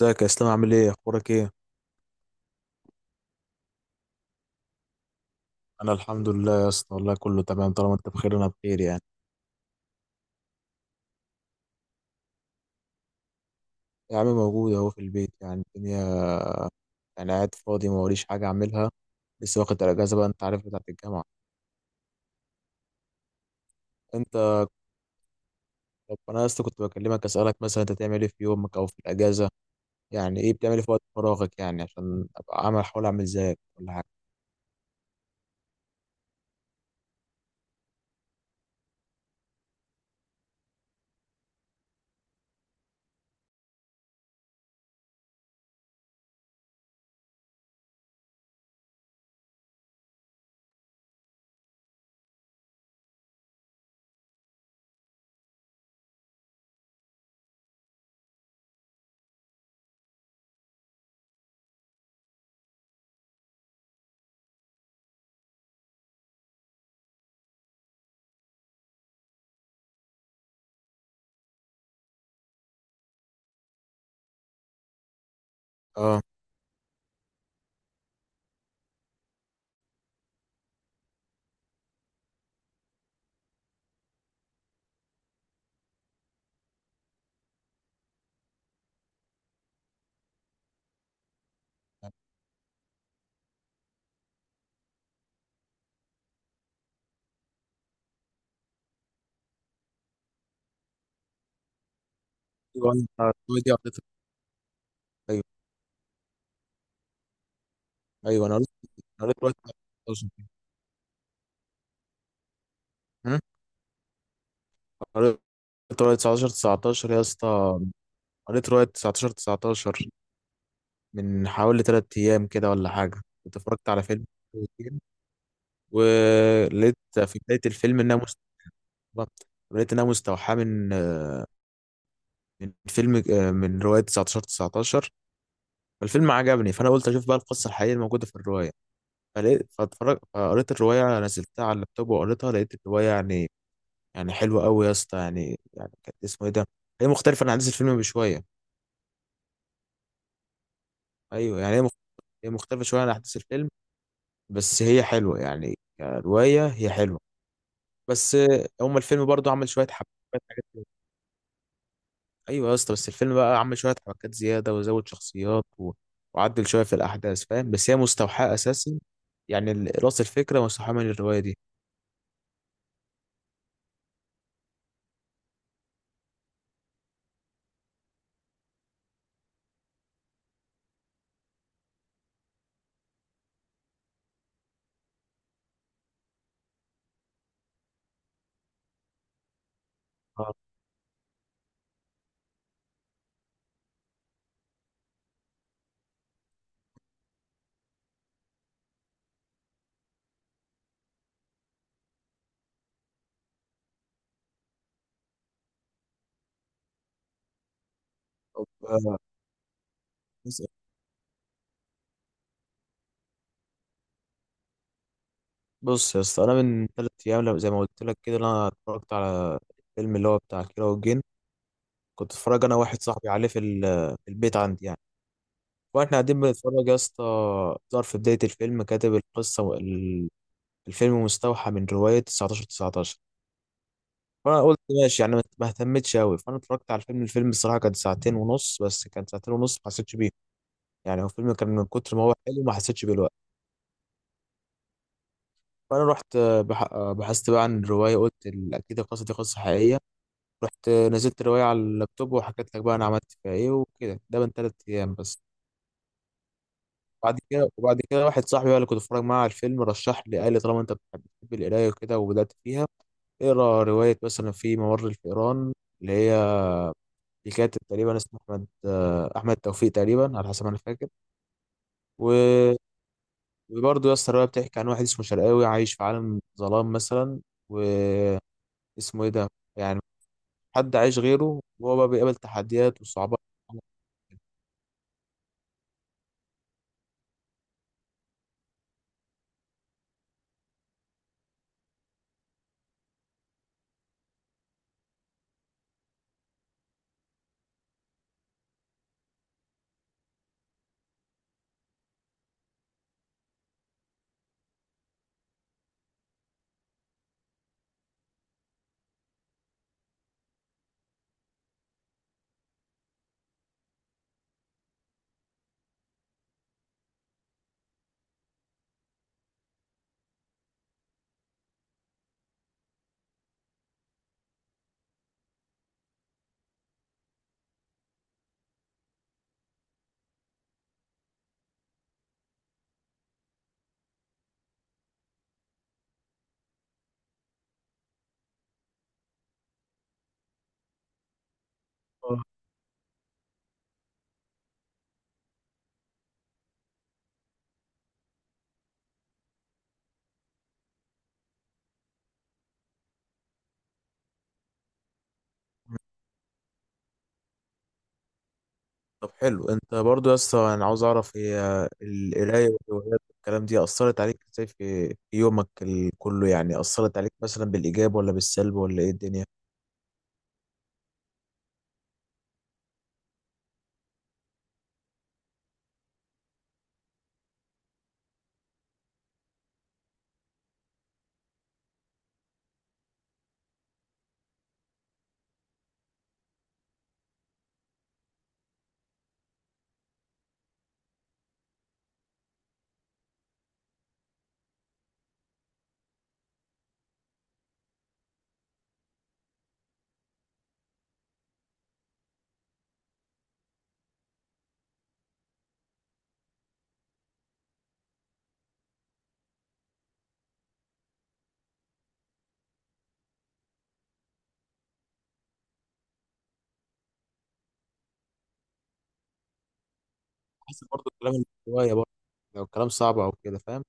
ازيك يا اسلام؟ عامل ايه؟ اخبارك ايه؟ انا الحمد لله يا اسطى، والله كله تمام. طالما انت بخير انا بخير يعني. يا عم موجود اهو في البيت، يعني الدنيا يعني قاعد فاضي، ما وريش حاجه اعملها. لسه واخد الاجازه بقى، انت عارف، بتاعت الجامعه. انت طب انا يا اسطى كنت بكلمك اسالك، مثلا انت تعمل ايه في يومك او في الاجازه؟ يعني ايه بتعمل إيه في وقت فراغك، يعني عشان ابقى عامل، احاول اعمل زيك ولا حاجه. اه. يعني ايوه. انت دي قضيتك. ايوه. ايوه انا قريت، أنا قريت رواية 19. هم؟ قريت رواية 19 19 يا اسطى، قريت رواية 19 19 من حوالي تلات أيام كده ولا حاجة. كنت اتفرجت على فيلم كويسين، ولقيت في بداية الفيلم إنها مستوحاة، لقيت إنها مستوحاة من من فيلم من رواية 19 19. فالفيلم عجبني، فأنا قلت أشوف بقى القصة الحقيقية الموجودة في الرواية. فلقيت فاتفرج فقريت الرواية، نزلتها على اللابتوب وقريتها، لقيت الرواية يعني، يعني حلوة أوي يا اسطى يعني. يعني كانت اسمه إيه ده. هي مختلفة عن أحداث الفيلم بشوية. أيوه يعني هي مختلفة شوية عن أحداث الفيلم، بس هي حلوة يعني. كرواية هي حلوة. بس هما الفيلم برضو عمل شويه حبكات، حاجات كده. ايوه يا اسطى، بس الفيلم بقى عمل شويه حبكات زياده وزود شخصيات، وعدل شويه في الاحداث، فاهم؟ بس هي مستوحاه اساسا، يعني راس الفكره مستوحاه من الروايه دي. آه، طب، بس- بص يا اسطى، انا من ثلاث ايام، زي ما قلت لك كده، انا اتفرجت على الفيلم اللي هو بتاع كيرة والجن. كنت اتفرج انا واحد صاحبي عليه في في البيت عندي يعني. واحنا قاعدين بنتفرج يا اسطى، ظهر في بدايه الفيلم كاتب القصه الفيلم مستوحى من رواية 19 19. فانا قلت ماشي يعني، ما اهتمتش قوي، فانا اتفرجت على الفيلم، الصراحه كان ساعتين ونص، بس كان ساعتين ونص ما حسيتش بيه. يعني هو الفيلم كان من كتر ما هو حلو ما حسيتش بيه الوقت. فانا رحت آه، بح... آه، بحثت بقى عن الروايه، قلت اكيد القصه دي قصه حقيقيه. رحت نزلت الروايه على اللابتوب، وحكيت لك بقى انا عملت فيها ايه وكده. ده من ثلاث ايام بس. بعد كده، وبعد كده واحد صاحبي بقى اللي كنت بتفرج معاه على الفيلم رشح لي، قال لي طالما انت بتحب القرايه وكده وبدات فيها، اقرا روايه مثلا في ممر الفئران، اللي هي في كاتب تقريبا اسمه احمد توفيق تقريبا، على حسب ما انا فاكر. و... وبرضه يا اسطى الروايه بتحكي عن واحد اسمه شرقاوي، عايش في عالم ظلام مثلا، واسمه ايه ده يعني، حد عايش غيره، وهو بقى بيقابل تحديات وصعوبات. طب حلو. انت برضه يا اسطى انا عاوز اعرف، هي القرايه والروايات والكلام دي اثرت عليك ازاي في يومك كله؟ يعني اثرت عليك مثلا بالايجاب ولا بالسلب، ولا ايه الدنيا؟ حسب برضه الكلام، الروايه برضه، لو الكلام صعب او كده، فاهم.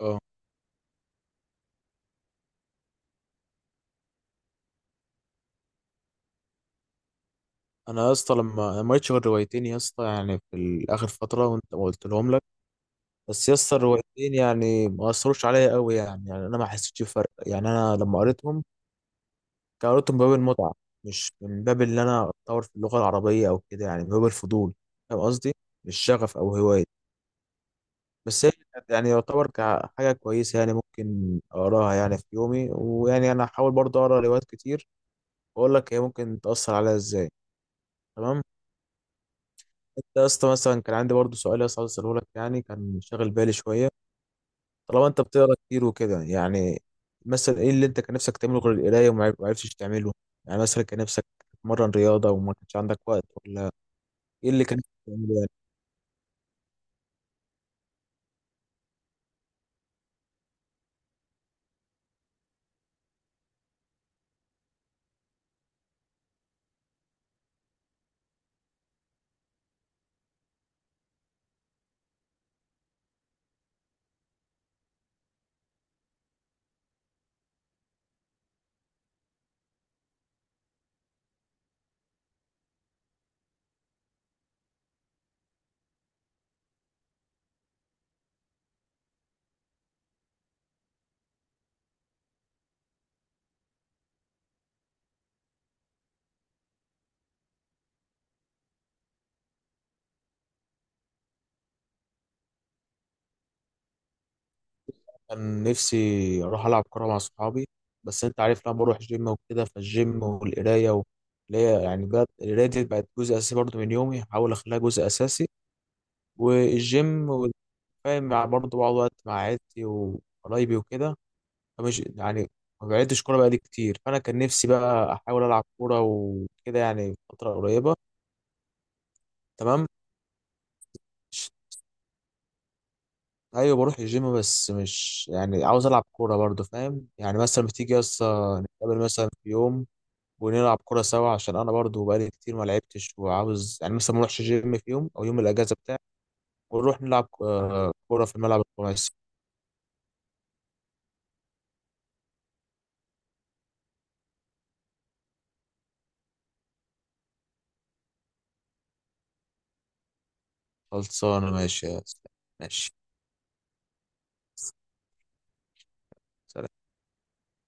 اه. انا يا اسطى، لما أنا ما قريتش غير روايتين يا اسطى، يعني في اخر فتره، وانت ما قلت لهم لك، بس يا اسطى الروايتين يعني ما اثروش عليا قوي يعني. يعني انا ما حسيتش بفرق. يعني انا لما قريتهم، كان قريتهم من باب المتعه، مش من باب ان انا اتطور في اللغه العربيه او كده. يعني من باب الفضول، فاهم قصدي؟ مش شغف او هوايه. بس هي كانت يعني يعتبر كحاجه كويسه، يعني ممكن اقراها يعني في يومي، ويعني انا هحاول برضه اقرا روايات كتير، واقول لك هي ممكن تاثر عليا ازاي. تمام. انت يا اسطى مثلا، كان عندي برضه سؤال يا اسطى عاوز اساله لك، يعني كان شاغل بالي شويه. طالما انت بتقرا كتير وكده يعني، مثلا ايه اللي انت كان نفسك تعمله غير القرايه ما عرفتش تعمله؟ يعني مثلا كان نفسك تتمرن رياضه وما كانش عندك وقت، ولا ايه اللي كان نفسك تعمله يعني؟ كان نفسي اروح العب كوره مع صحابي، بس انت عارف لما بروح جيم وكده، فالجيم والقرايه، اللي هي يعني بقت، القرايه دي بقت جزء اساسي برضه من يومي، هحاول اخليها جزء اساسي، والجيم، والفاهم برضه بقعد وقت مع عيلتي وقرايبي وكده، مش يعني. ما بعدتش كوره بقالي كتير، فانا كان نفسي بقى احاول العب كوره وكده، يعني في فتره قريبه. تمام. مش- ايوه بروح الجيم، بس مش يعني، عاوز العب كوره برضو، فاهم يعني؟ مثلا بتيجي يسطا نتقابل مثلا في يوم ونلعب كوره سوا، عشان انا برضو بقالي كتير ما لعبتش، وعاوز يعني مثلا ما اروحش جيم في يوم، او يوم الاجازه بتاعي، ونروح نلعب كوره في الملعب الخماسي. خلصانه، ماشي يا أسلام. ماشي